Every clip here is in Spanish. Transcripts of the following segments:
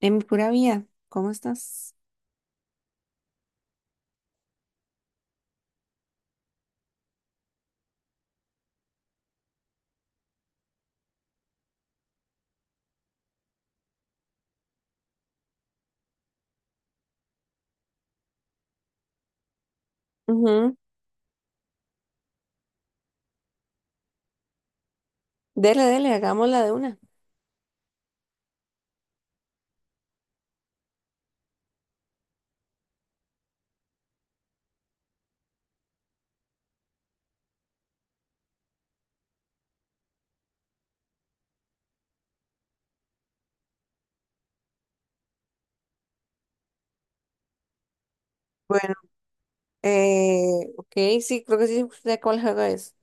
En mi pura vida, ¿cómo estás? Ujú. Dele, dele, hagámosla de una. Bueno, ok, sí, creo que sí sé cuál juego es.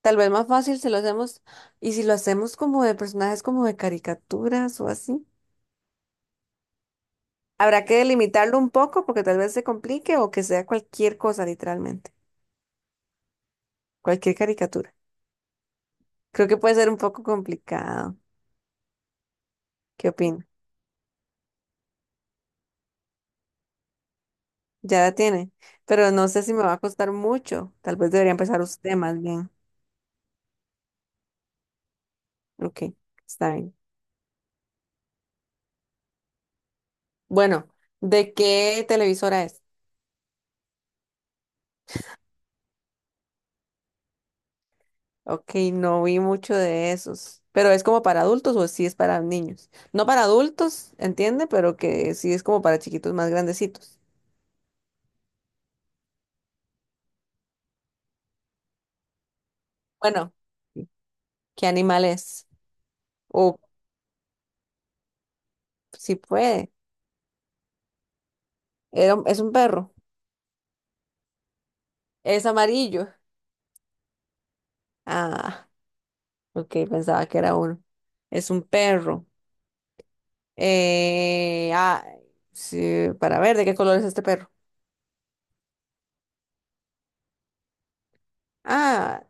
Tal vez más fácil si lo hacemos, y si lo hacemos como de personajes como de caricaturas o así. Habrá que delimitarlo un poco porque tal vez se complique o que sea cualquier cosa, literalmente. Cualquier caricatura. Creo que puede ser un poco complicado. ¿Qué opina? Ya la tiene. Pero no sé si me va a costar mucho. Tal vez debería empezar usted más bien. Ok, está bien. Bueno, ¿de qué televisora es? Ok, no vi mucho de esos. ¿Pero es como para adultos o sí es para niños? No para adultos, entiende, pero que sí es como para chiquitos más grandecitos. Bueno, ¿qué animal es? O si puede. Es un perro. Es amarillo. Ah, ok, pensaba que era uno. Es un perro. Eh, ah, sí, para ver de qué color es este perro. Ah,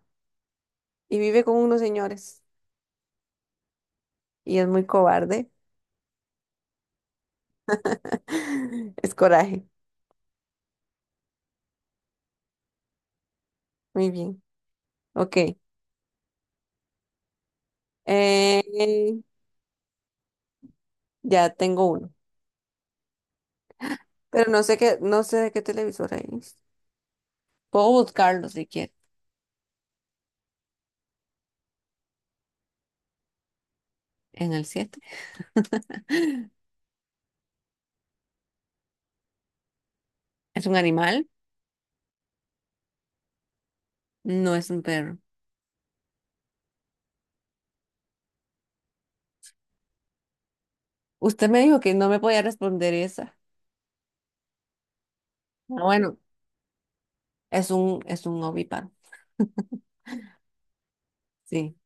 y vive con unos señores. Y es muy cobarde. Es Coraje. Muy bien. Ok. Eh, ya tengo uno. Pero no sé de qué televisora es. Puedo buscarlo si quiere. En el 7. ¿Es un animal? No es un perro. Usted me dijo que no me podía responder esa. Ah, bueno, es es un ovíparo. Sí.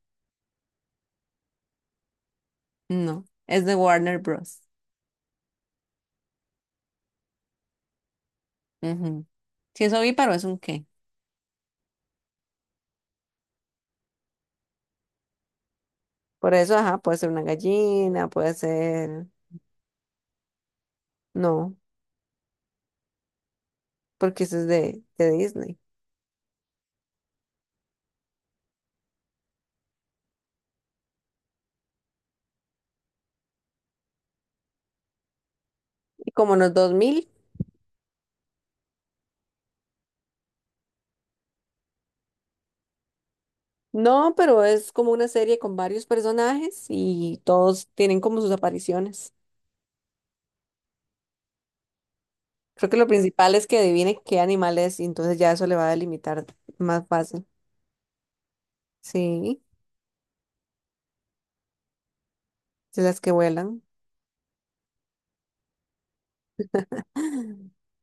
No. Es de Warner Bros. Ujú. Si es ovíparo, ¿es un qué? Por eso, ajá, puede ser una gallina, puede ser. No, porque eso es de Disney. Como en los 2000. No, pero es como una serie con varios personajes y todos tienen como sus apariciones. Creo que lo principal es que adivine qué animal es y entonces ya eso le va a delimitar más fácil. Sí, de las que vuelan.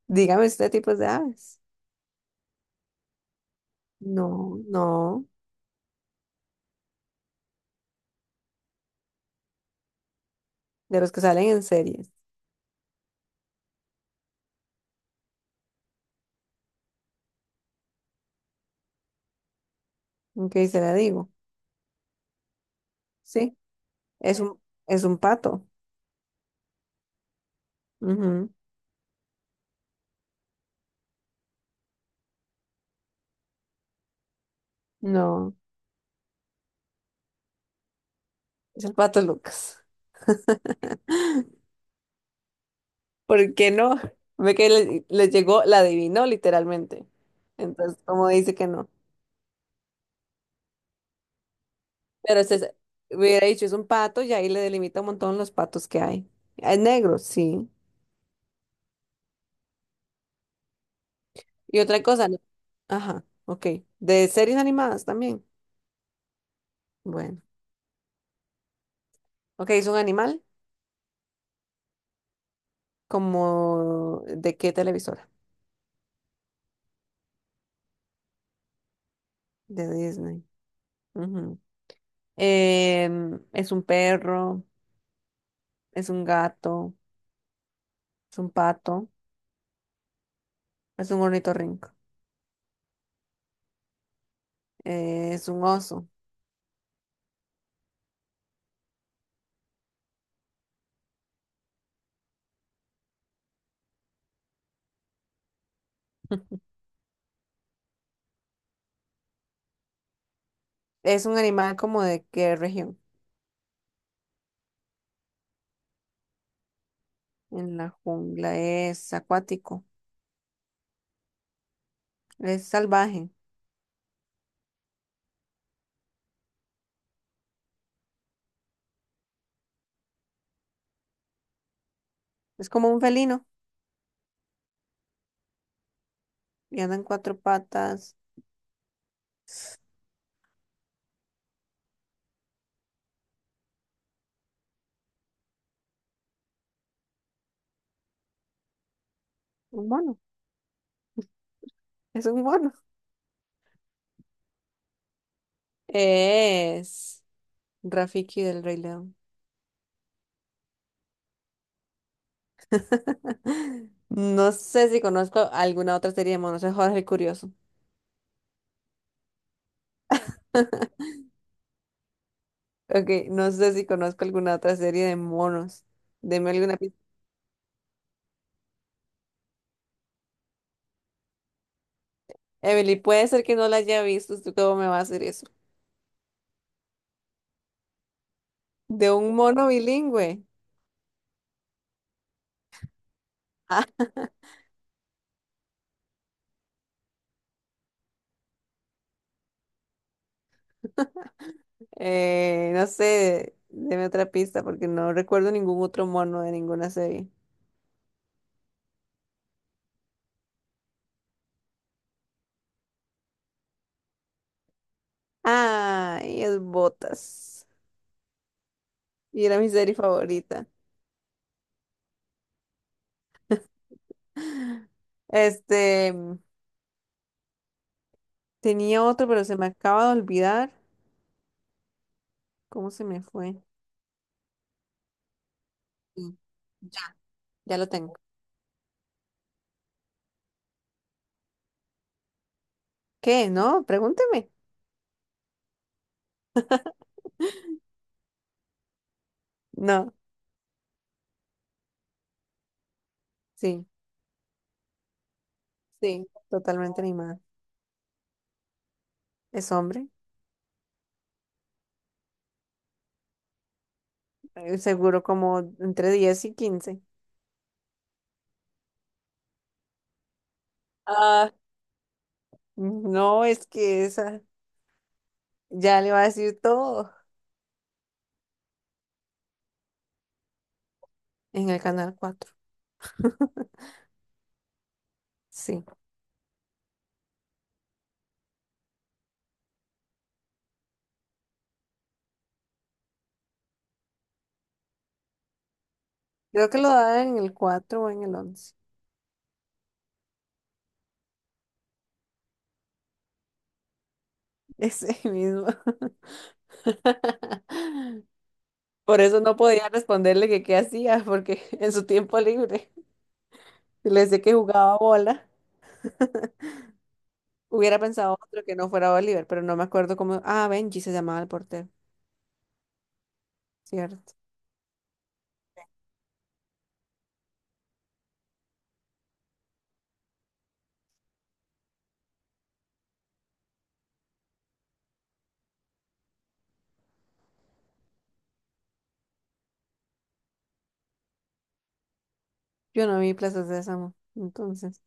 Dígame usted tipos de aves. No, no, De los que salen en series. Ok, se la digo. Sí, es es un pato. Ujú. No, es el pato Lucas. ¿Por qué no? Ve que le llegó, la adivinó literalmente. Entonces, ¿cómo dice que no? Pero se, Hubiera dicho, es un pato y ahí le delimita un montón los patos que hay. Es negro, sí. Y otra cosa, ajá, ok. De series animadas también. Bueno. Ok, es un animal como ¿de qué televisora? De Disney. Ujú. ¿Es un perro, es un gato, es un pato, es un ornitorrinco, es un oso? ¿Es un animal como de qué región? En la jungla es acuático, es salvaje, es como un felino y anda en cuatro patas. Un mono, es un mono. Es Rafiki del Rey León. No sé si conozco alguna otra serie de monos, es Jorge el Curioso. Ok, no sé si conozco alguna otra serie de monos. Deme alguna pista. Emily, puede ser que no la haya visto, ¿tú cómo me va a hacer eso? De un mono bilingüe. No sé, deme otra pista porque no recuerdo ningún otro mono de ninguna serie. Ah, y es Botas. Y era mi serie favorita. Este, tenía otro, pero se me acaba de olvidar. ¿Cómo se me fue? Sí, ya, ya lo tengo. ¿Qué? ¿No? Pregúnteme. No, sí, sí, totalmente animada. Es hombre, seguro como entre 10 y 15. Ah, no, es que esa ya le va a decir todo. En el canal 4. Sí, creo que lo dan en el 4 o en el 11. Ese mismo. Por eso no podía responderle que qué hacía, porque en su tiempo libre, si le decía que jugaba bola, hubiera pensado otro que no fuera Oliver, pero no me acuerdo cómo. Ah, Benji se llamaba el portero, cierto. Yo no vi Plaza Sésamo, entonces,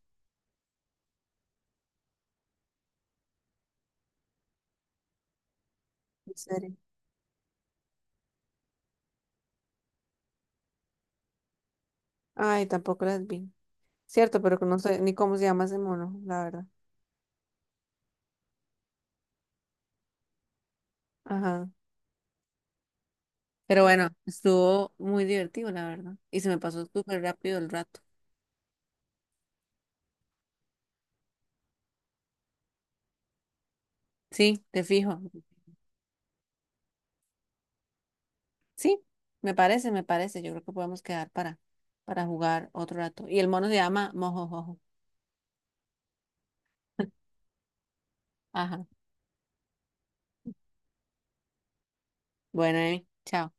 en serio. Ay, tampoco las vi. Cierto, pero que no sé ni cómo se llama ese mono, la verdad. Ajá. Pero bueno, estuvo muy divertido, la verdad. Y se me pasó súper rápido el rato. Sí, te fijo. Sí, me parece, me parece. Yo creo que podemos quedar para jugar otro rato. Y el mono se llama Mojojojo. Ajá. Bueno, Emi, chao.